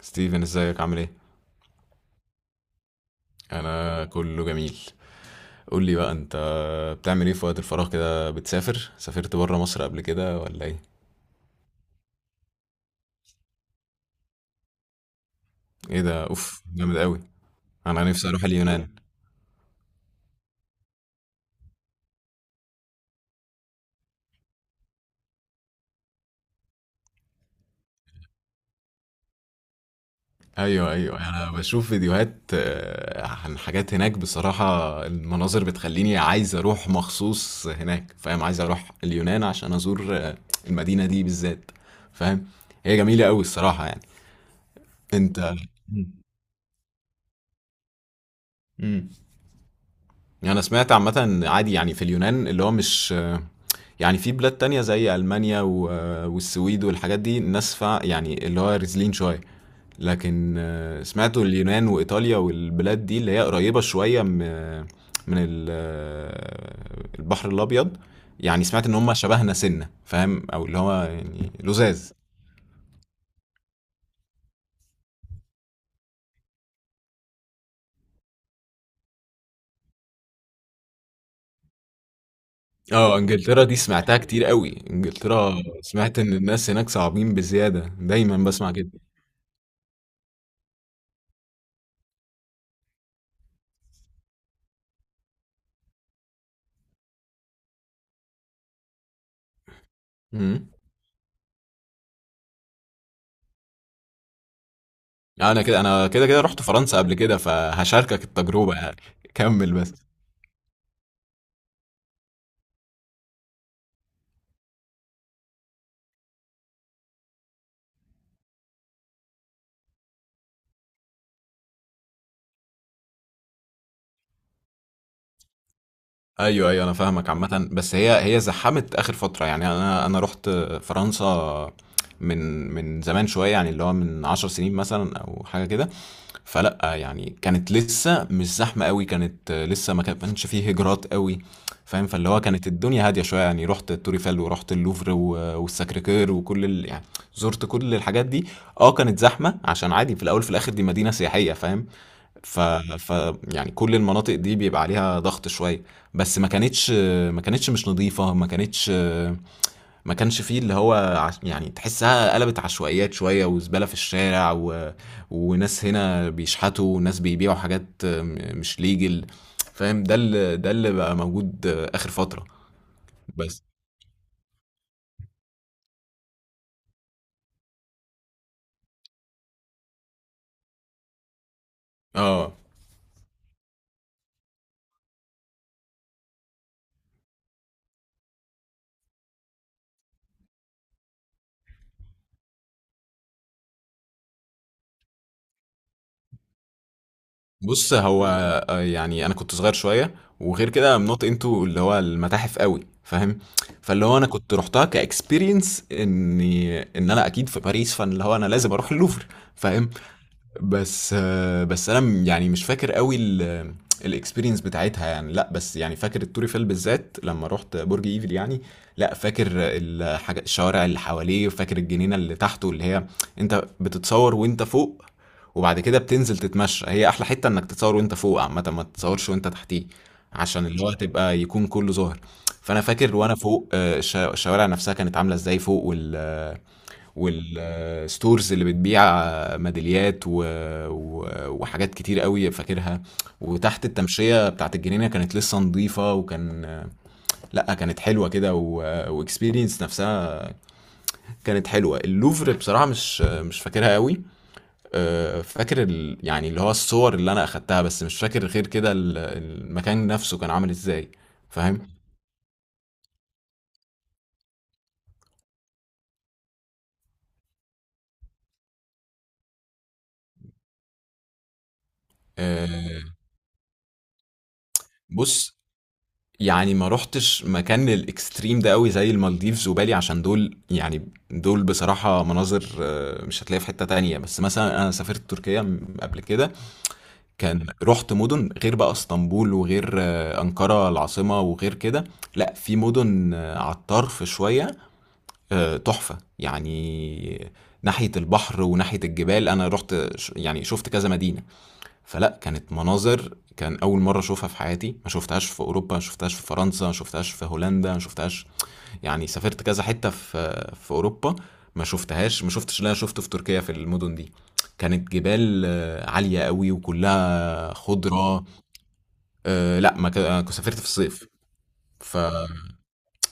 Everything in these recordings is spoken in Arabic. ستيفن، ازيك عامل ايه؟ انا كله جميل. قول لي بقى انت بتعمل ايه في وقت الفراغ كده؟ بتسافر؟ سافرت بره مصر قبل كده ولا ايه؟ ايه ده؟ اوف جامد قوي. انا نفسي اروح اليونان. ايوه ايوه، انا بشوف فيديوهات عن حاجات هناك. بصراحة المناظر بتخليني عايز اروح مخصوص هناك، فاهم؟ عايز اروح اليونان عشان ازور المدينة دي بالذات، فاهم؟ هي جميلة قوي الصراحة يعني. انت. مم. يعني انا سمعت عامة إن عادي يعني في اليونان اللي هو مش يعني في بلاد تانية زي ألمانيا والسويد والحاجات دي، الناس فا يعني اللي هو رزلين شوية، لكن سمعته اليونان وإيطاليا والبلاد دي اللي هي قريبة شوية من البحر الأبيض، يعني سمعت إن هم شبهنا سنة، فاهم؟ أو اللي هو يعني لزاز. اه، انجلترا دي سمعتها كتير قوي. انجلترا سمعت ان الناس هناك صعبين بزيادة، دايما بسمع كده. مم. انا كده رحت فرنسا قبل كده، فهشاركك التجربه يعني كمل بس. ايوه ايوه، انا فاهمك عامه، بس هي زحمت اخر فتره يعني. انا رحت فرنسا من من زمان شويه، يعني اللي هو من عشر سنين مثلا او حاجه كده، فلا يعني كانت لسه مش زحمه قوي، كانت لسه ما كانش فيه هجرات قوي، فاهم؟ فاللي هو كانت الدنيا هاديه شويه يعني. رحت توريفال ورحت اللوفر والساكريكير وكل ال... يعني زرت كل الحاجات دي. اه كانت زحمه عشان عادي في الاول في الاخر دي مدينه سياحيه، فاهم؟ ف... ف يعني كل المناطق دي بيبقى عليها ضغط شويه، بس ما كانتش مش نظيفه، ما كانش فيه اللي هو عش... يعني تحسها قلبت عشوائيات شوية وزبالة في الشارع و... وناس هنا بيشحتوا وناس بيبيعوا حاجات مش ليجل، فاهم؟ ده اللي بقى موجود آخر فترة. بس اه. بص، هو يعني انا كنت صغير شوية، وغير كده I'm not into اللي هو المتاحف قوي، فاهم؟ فاللي هو انا كنت رحتها كاكسبيرينس اني ان انا اكيد في باريس، فاللي هو انا لازم اروح اللوفر، فاهم؟ بس بس انا م- يعني مش فاكر قوي الاكسبيرينس بتاعتها يعني، لا بس يعني فاكر التوريفيل بالذات لما رحت برج ايفل يعني. لا فاكر الحاجة، الشوارع اللي حواليه وفاكر الجنينة اللي تحته، اللي هي انت بتتصور وانت فوق وبعد كده بتنزل تتمشى. هي احلى حتة انك تتصور وانت فوق عامة، ما تتصورش وانت تحتيه، عشان اللي هو تبقى يكون كله ظاهر. فانا فاكر وانا فوق الشوارع نفسها كانت عاملة ازاي فوق، وال والستورز اللي بتبيع ميداليات و... و... وحاجات كتير قوي فاكرها. وتحت التمشية بتاعت الجنينة كانت لسه نظيفة، وكان، لا كانت حلوة كده. واكسبيرينس نفسها كانت حلوة. اللوفر بصراحة مش فاكرها قوي. فاكر ال... يعني اللي هو الصور اللي انا اخدتها، بس مش فاكر غير كده المكان نفسه كان عامل ازاي، فاهم؟ أه، بص، يعني ما رحتش مكان الاكستريم ده قوي زي المالديفز وبالي، عشان دول يعني دول بصراحة مناظر مش هتلاقيها في حتة تانية. بس مثلا انا سافرت تركيا قبل كده، كان رحت مدن غير بقى اسطنبول وغير أنقرة العاصمة، وغير كده لا، في مدن على الطرف شوية، تحفة يعني. ناحية البحر وناحية الجبال، انا رحت يعني شفت كذا مدينة. فلأ، كانت مناظر، كان أول مرة أشوفها في حياتي، ما شُفتهاش في أوروبا، ما شُفتهاش في فرنسا، ما شُفتهاش في هولندا، ما شُفتهاش يعني. سافرت كذا حتّة في أوروبا، ما شُفتهاش، ما شُفتش اللي أنا شُفته في تركيا في المدن دي. كانت جبال عالية أوي وكلّها خُضرة. لأ ما ك آه، سافرت في الصيف، ف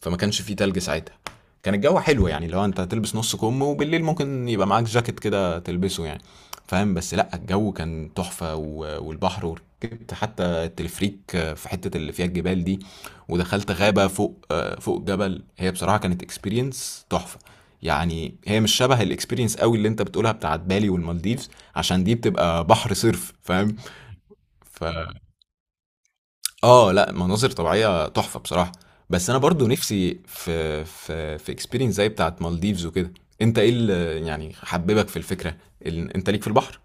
فما كانش فيه تلج ساعتها. كان الجو حلو يعني، لو انت هتلبس نص كم وبالليل ممكن يبقى معاك جاكيت كده تلبسه يعني، فاهم؟ بس لا الجو كان تحفة والبحر، وركبت حتى التلفريك في حتة اللي فيها الجبال دي، ودخلت غابة فوق فوق جبل. هي بصراحة كانت اكسبيرينس تحفة يعني، هي مش شبه الاكسبيرينس قوي اللي انت بتقولها بتاعت بالي والمالديفز، عشان دي بتبقى بحر صرف، فاهم؟ ف لأ، مناظر طبيعية تحفة بصراحة، بس أنا برضه نِفْسي في experience زي بتاعة مالديفز وكده. أنت إيه ال يعني حبِّبك في الفكرة؟ ال أنت ليك في البحر؟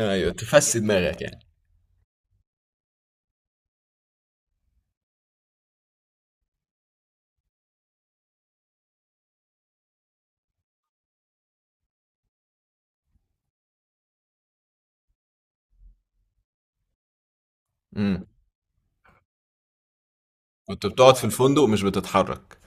أيوه، تفسِّي دماغك يعني. إمم، كنت بتقعد في الفندق مش بتتحرك؟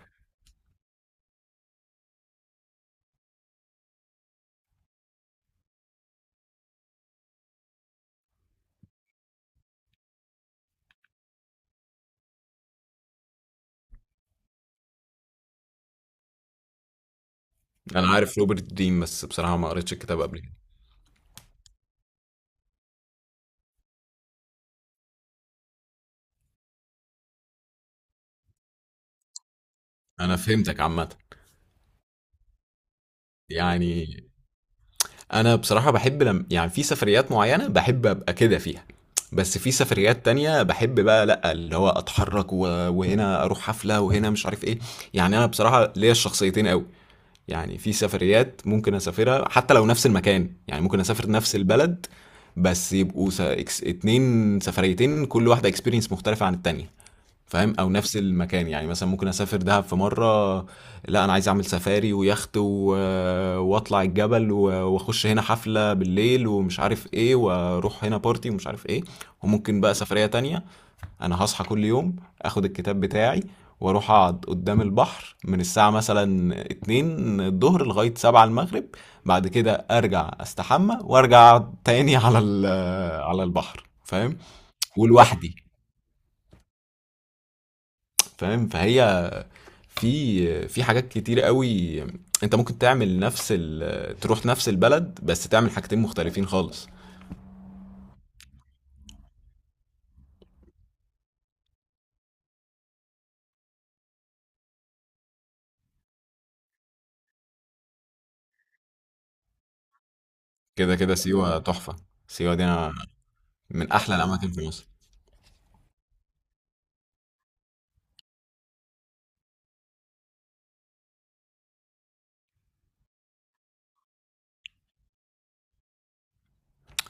أنا عارف روبرت دريم، بس بصراحة ما قريتش الكتاب قبل كده. أنا فهمتك عامةً، يعني أنا بصراحة باحب لم يعني، في سفريات معيّنة باحب أبقى كده فيها، بس في سفريات تانية باحب بقى لأ، اللي هو أتحرّك و وهنا أروح حفلة وهنا مش عارف إيه. يعني أنا بصراحة ليّا الشخصيتين أوي. يعني في سفريات ممكن أسافرها حتى لو نفس المكان، يعني ممكن أسافر نفس البلد بس يبقوا س إكس اتنين سفريتين، كل واحدة experience مختلفة عن التانية. فاهم؟ او نفس المكان، يعني مثلا ممكن اسافر دهب في مره، لا انا عايز اعمل سفاري ويخت و... واطلع الجبل و... واخش هنا حفله بالليل ومش عارف ايه، واروح هنا بارتي ومش عارف ايه. وممكن بقى سفريه تانية انا هصحى كل يوم، اخد الكتاب بتاعي واروح اقعد قدام البحر من الساعه مثلا 2 الظهر لغايه 7 المغرب، بعد كده ارجع استحمى وارجع اقعد تاني على ال... على البحر، فاهم؟ ولوحدي. فاهم؟ فهي في في حاجات كتير قوي انت ممكن تعمل نفس ال... تروح نفس البلد بس تعمل حاجتين مختلفين خالص. كده كده سيوة تحفة. سيوة دي انا من احلى الاماكن في مصر.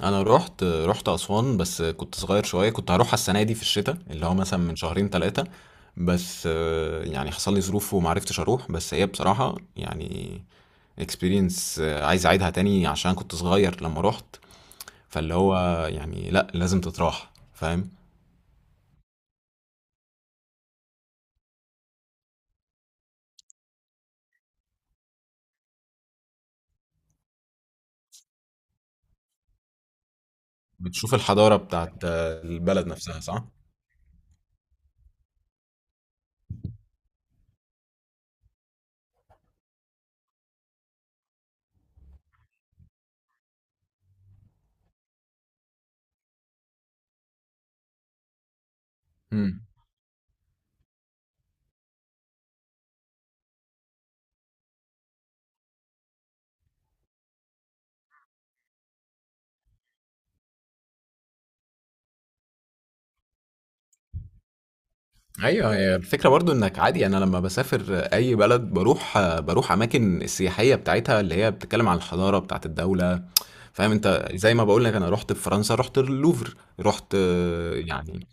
انا رحت اسوان بس كنت صغير شوية، كنت هروحها السنة دي في الشتاء، اللي هو مثلا من شهرين ثلاثة، بس يعني حصل لي ظروف وما عرفتش اروح. بس هي بصراحة يعني اكسبيرينس عايز اعيدها تاني عشان كنت صغير لما رحت. فاللي هو يعني لا لازم تتراح، فاهم؟ بتشوف الحضارة بتاعت البلد نفسها، صح؟ امم. ايوه، هي الفكرة برضو انك عادي يعني، انا لما بسافر اي بلد بروح اماكن السياحية بتاعتها، اللي هي بتتكلم عن الحضارة بتاعت الدولة، فاهم؟ انت زي ما بقول لك، انا رحت في فرنسا رحت اللوفر، رحت يعني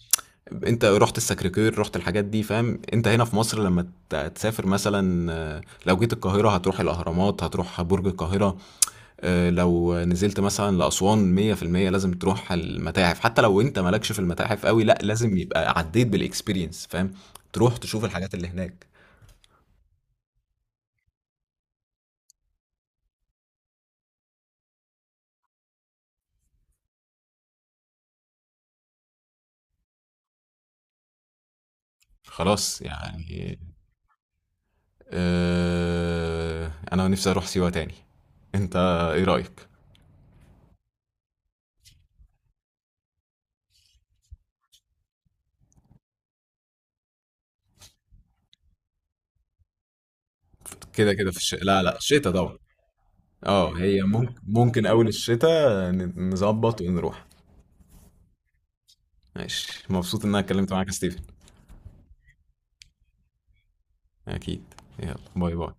انت رحت الساكريكير، رحت الحاجات دي، فاهم؟ انت هنا في مصر لما تسافر مثلا، لو جيت القاهرة هتروح الاهرامات، هتروح برج القاهرة، لو نزلت مثلا لأسوان 100% لازم تروح المتاحف، حتى لو انت مالكش في المتاحف قوي لا لازم يبقى عديت بالاكسبيرينس، فاهم؟ تروح تشوف الحاجات اللي هناك. خلاص يعني، انا نفسي اروح سيوة تاني. انت ايه رأيك؟ كده كده في الشتاء، لا لا الشتاء طبعا. اه، هي ممكن ممكن اول الشتاء نظبط ونروح. ماشي، مبسوط ان انا اتكلمت معاك يا ستيفن. اكيد. يلا، باي باي.